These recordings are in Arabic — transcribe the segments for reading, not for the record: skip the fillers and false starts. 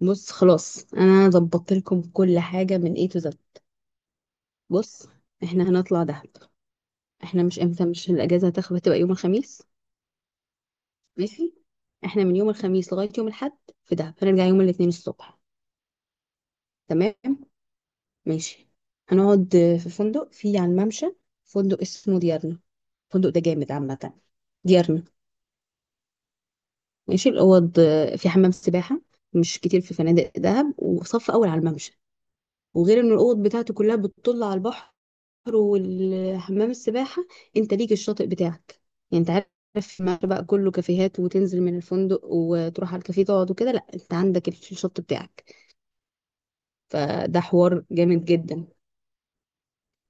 بص، خلاص انا ظبطت لكم كل حاجه من A to Z. بص، احنا هنطلع دهب. احنا مش الاجازه هتاخد، هتبقى يوم الخميس. ماشي، احنا من يوم الخميس لغايه يوم الاحد في دهب، هنرجع يوم الاثنين الصبح. تمام، ماشي. هنقعد في فندق في على الممشى، فندق اسمه ديارنا. الفندق ده جامد عامه. ديارنا. ماشي، الاوض في حمام سباحه، مش كتير في فنادق دهب وصف اول على الممشى، وغير ان الاوض بتاعته كلها بتطل على البحر والحمام السباحه. انت ليك الشاطئ بتاعك، يعني انت عارف ما بقى كله كافيهات وتنزل من الفندق وتروح على الكافيه تقعد وكده، لا انت عندك الشط بتاعك. فده حوار جامد جدا.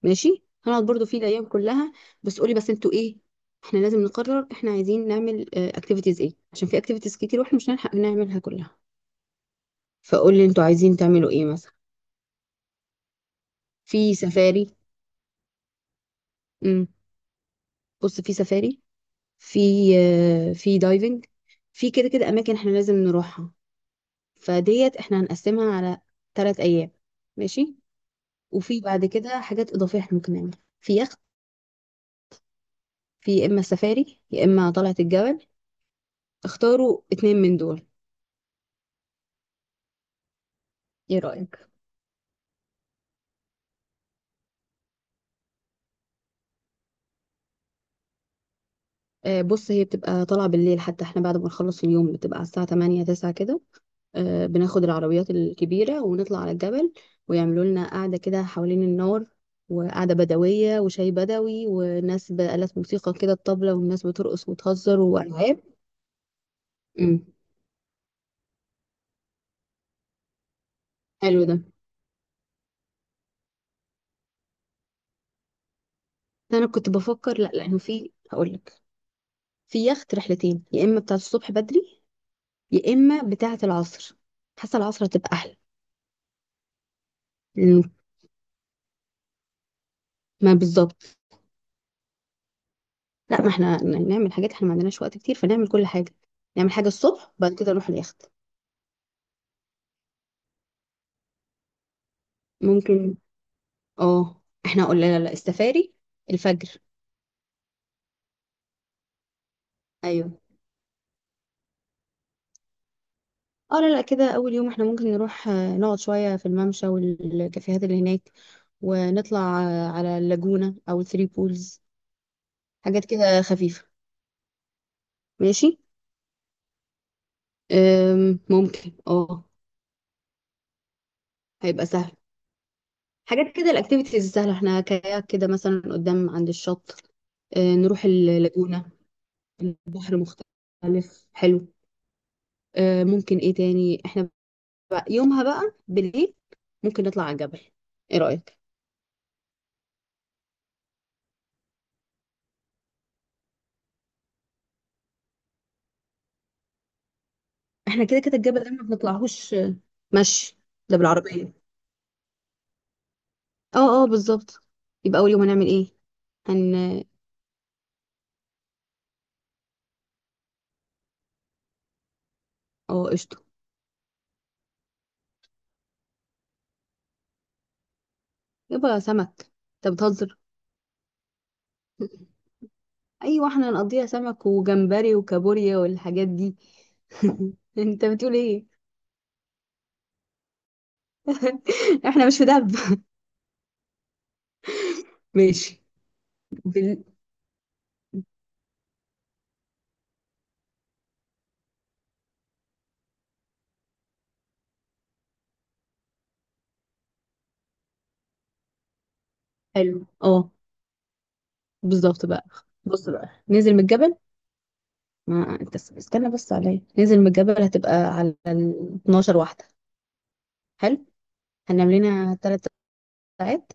ماشي، هنقعد برضو فيه الايام كلها. بس قولي بس انتوا ايه، احنا لازم نقرر احنا عايزين نعمل اكتيفيتيز ايه، عشان في اكتيفيتيز كتير واحنا مش هنلحق نعملها كلها. فقولي انتوا عايزين تعملوا ايه مثلا. في سفاري. امم بص، في سفاري، في في دايفنج، في كده كده اماكن احنا لازم نروحها. فديت احنا هنقسمها على ثلاث ايام، ماشي. وفي بعد كده حاجات اضافيه احنا ممكن نعملها: في يخت، في يا اما سفاري يا اما طلعه الجبل. اختاروا اتنين من دول. ايه رايك؟ آه بص، هي بتبقى طالعه بالليل، حتى احنا بعد ما نخلص اليوم بتبقى على الساعه 8 9 كده. بناخد العربيات الكبيرة ونطلع على الجبل، ويعملوا لنا قعدة كده حوالين النار، وقعدة بدوية وشاي بدوي وناس بآلات موسيقى كده، الطبلة والناس بترقص وتهزر وألعاب. امم حلو ده. أنا كنت بفكر لأ، لأنه في هقولك في يخت رحلتين: يا إما بتاعة الصبح بدري، يا إما بتاعة العصر. حاسة العصر هتبقى أحلى. لأنه- ما بالظبط. لأ، ما احنا نعمل حاجات، احنا ما عندناش وقت كتير، فنعمل كل حاجة. نعمل حاجة الصبح، بعد كده نروح اليخت. ممكن، اه. احنا قلنا لا لا السفاري الفجر. ايوه، اه. لا لا، كده اول يوم احنا ممكن نروح، نقعد شويه في الممشى والكافيهات اللي هناك، ونطلع على اللاجونه او الثري بولز. حاجات كده خفيفه، ماشي. ممكن، اه. هيبقى سهل، حاجات كده. الاكتيفيتيز السهله، احنا كاياك كده مثلا قدام عند الشط، نروح اللاجونه. البحر مختلف حلو. ممكن ايه تاني احنا بقى يومها بقى بالليل؟ ممكن نطلع على الجبل، ايه رأيك؟ احنا كده كده الجبل ده ما بنطلعهوش. مشي، ده بالعربية. اه اه بالظبط. يبقى اول يوم هنعمل ايه؟ هن اه قشطة. يبقى سمك؟ انت بتهزر. ايوه، احنا هنقضيها سمك وجمبري وكابوريا والحاجات دي. انت بتقول ايه؟ احنا مش في دهب! ماشي. بال... حلو، اه بالظبط بقى. بص بقى، ننزل من الجبل. ما انت استنى بس عليا، ننزل من الجبل هتبقى على ال 12 واحدة. حلو، هننام لنا ثلاث ساعات،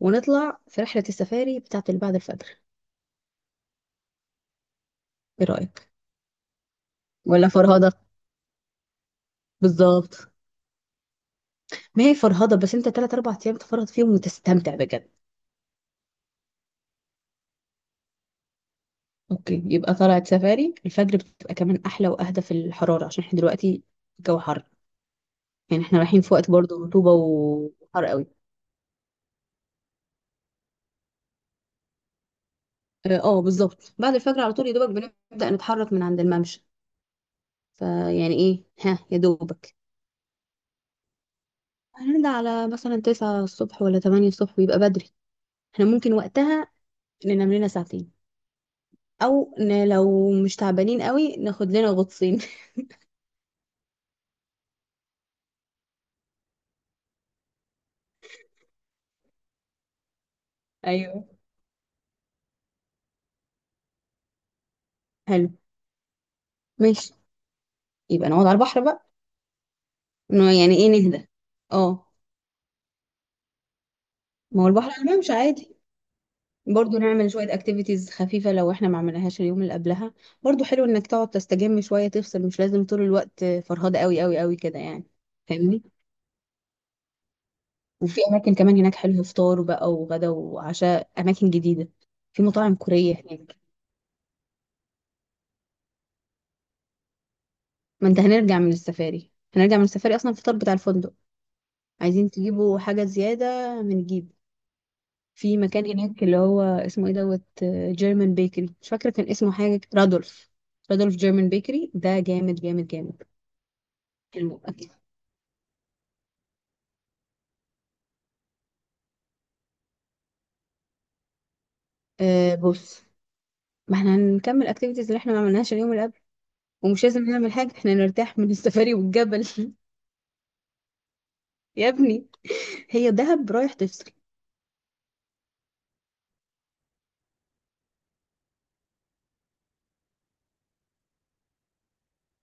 ونطلع في رحلة السفاري بتاعة اللي بعد الفجر. ايه رأيك؟ ولا فرهضة؟ بالظبط، ما هي فرهضة، بس انت ثلاث اربع ايام تفرهد فيهم وتستمتع بجد. اوكي، يبقى طلعت سفاري الفجر بتبقى كمان احلى واهدى في الحرارة، عشان احنا دلوقتي الجو حر. يعني احنا رايحين في وقت برضه رطوبة وحر قوي. اه بالظبط، بعد الفجر على طول يا دوبك، بنبدأ نتحرك من عند الممشى. فيعني ايه ها، يا دوبك. هنرجع على مثلا تسعة الصبح ولا تمانية الصبح، بيبقى بدري. احنا ممكن وقتها ننام لنا ساعتين، او لو مش تعبانين قوي ناخد لنا غطسين. ايوه حلو، ماشي. يبقى نقعد على البحر بقى. إنه يعني ايه، نهدى، اه. ما هو البحر على الممشى عادي. برضو نعمل شوية اكتيفيتيز خفيفة لو احنا ما عملناهاش اليوم اللي قبلها. برضو حلو انك تقعد تستجم شوية، تفصل، مش لازم طول الوقت فرهدة قوي قوي قوي كده يعني. فاهمني؟ وفي اماكن كمان هناك حلوه، فطار بقى وغدا وعشاء، اماكن جديده. في مطاعم كوريه هناك. ما انت هنرجع من السفاري، هنرجع من السفاري اصلا الفطار بتاع الفندق. عايزين تجيبوا حاجه زياده هنجيب. في مكان هناك اللي هو اسمه ايه دوت، جيرمان بيكري، مش فاكره كان اسمه حاجه، رادولف. رادولف جيرمان بيكري ده جامد جامد جامد. حلو اكل. أه بص، ما احنا هنكمل اكتيفيتيز اللي احنا ما عملناش اليوم اللي قبل. ومش لازم نعمل حاجه، احنا نرتاح من السفاري والجبل. يا ابني، هي دهب رايح تفصل.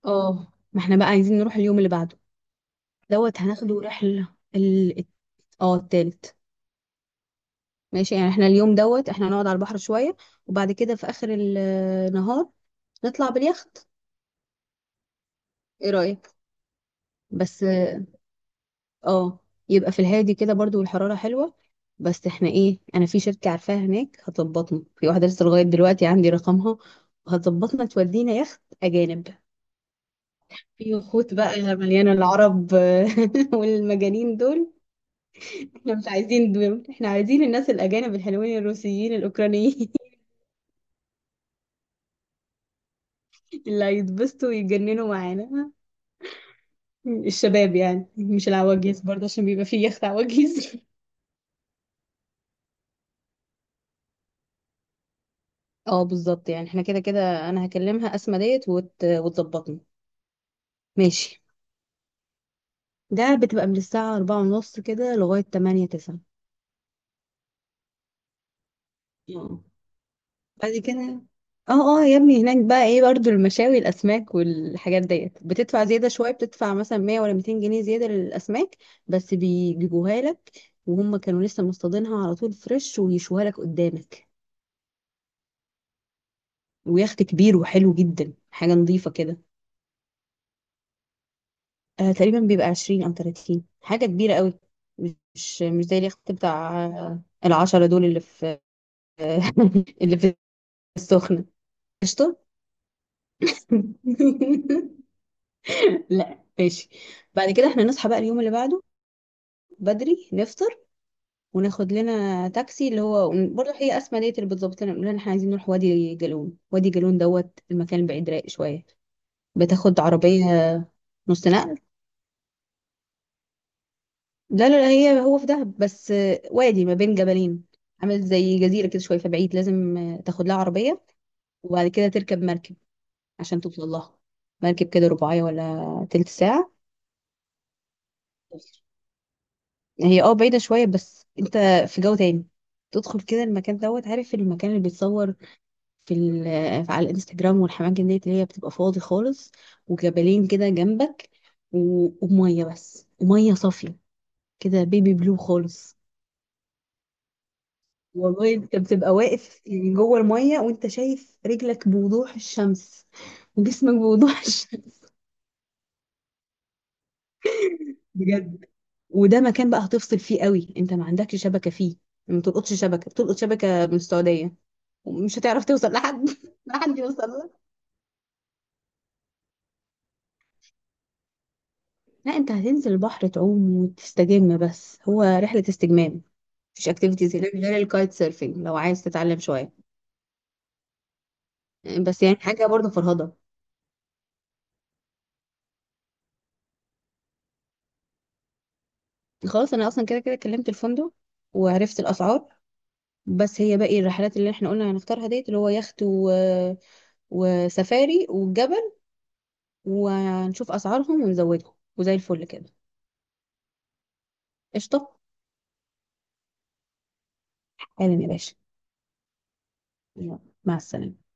اه، ما احنا بقى عايزين نروح اليوم اللي بعده دوت، هناخده رحلة. ال اه التالت. ماشي، يعني احنا اليوم دوت احنا هنقعد على البحر شوية، وبعد كده في اخر النهار نطلع باليخت. ايه رأيك؟ بس اه. يبقى في الهادي كده برضو، والحرارة حلوة. بس احنا ايه، انا في شركة عارفاها هناك هتظبطنا، في واحدة لسه لغاية دلوقتي عندي رقمها، هتظبطنا تودينا يخت اجانب. في يخوت بقى مليانة العرب والمجانين دول. احنا مش عايزين دول، احنا عايزين الناس الأجانب الحلوين الروسيين الأوكرانيين، اللي هيتبسطوا ويتجننوا معانا. الشباب يعني، مش العواجيز برضه، عشان بيبقى فيه يخت عواجيز. اه بالظبط. يعني احنا كده كده انا هكلمها، اسمى ديت وتظبطني. ماشي، ده بتبقى من الساعة أربعة ونص كده لغاية تمانية تسعة. بعد كده اه اه يا ابني، هناك بقى ايه برضو، المشاوي الاسماك والحاجات ديت، بتدفع زياده شويه، بتدفع مثلا 100 ولا 200 جنيه زياده للاسماك، بس بيجيبوها لك وهم كانوا لسه مصطادينها على طول، فريش ويشوها لك قدامك. ويخت كبير وحلو جدا، حاجه نظيفه كده. آه تقريبا بيبقى 20 او 30 حاجه كبيره قوي. مش زي اليخت بتاع العشرة دول اللي في اللي في السخنه. قشطه. لا ماشي. بعد كده احنا نصحى بقى اليوم اللي بعده بدري، نفطر وناخد لنا تاكسي اللي هو برضه هي اسماء ديت اللي بتظبط لنا، نقول لها إن احنا عايزين نروح وادي جالون. وادي جالون دوت المكان بعيد رايق شويه، بتاخد عربيه نص نقل. لا لا لا، هي هو في دهب بس، وادي ما بين جبلين. عامل زي جزيره كده شويه، فبعيد، لازم تاخد لها عربيه، وبعد كده تركب مركب عشان توصل لها، مركب كده رباعيه ولا تلت ساعه. هي اه بعيدة شوية، بس انت في جو تاني. تدخل كده المكان دوت، عارف المكان اللي بيتصور في ال- على الانستجرام، والحمام ديت اللي هي بتبقى فاضي خالص، وجبلين كده جنبك، ومية بس، ومية صافية كده، بيبي بلو خالص. والله انت بتبقى واقف يعني جوه المية وانت شايف رجلك بوضوح الشمس، وجسمك بوضوح الشمس. بجد. وده مكان بقى هتفصل فيه قوي، انت ما عندكش شبكة فيه، ما تلقطش شبكة، بتلقط شبكة من السعودية، ومش هتعرف توصل لحد لا حد يوصل لك. لا انت هتنزل البحر تعوم وتستجم، بس هو رحلة استجمام. مفيش اكتيفيتيز هناك غير الكايت سيرفينج لو عايز تتعلم شوية. بس يعني حاجة برضه فرهضة. خلاص، انا اصلا كده كده كلمت الفندق وعرفت الاسعار. بس هي باقي الرحلات اللي احنا قلنا هنختارها ديت، اللي هو يخت وسفاري والجبل، وهنشوف اسعارهم ونزودهم، وزي الفل كده. قشطة، حالا يا باشا. يلا، مع السلامة.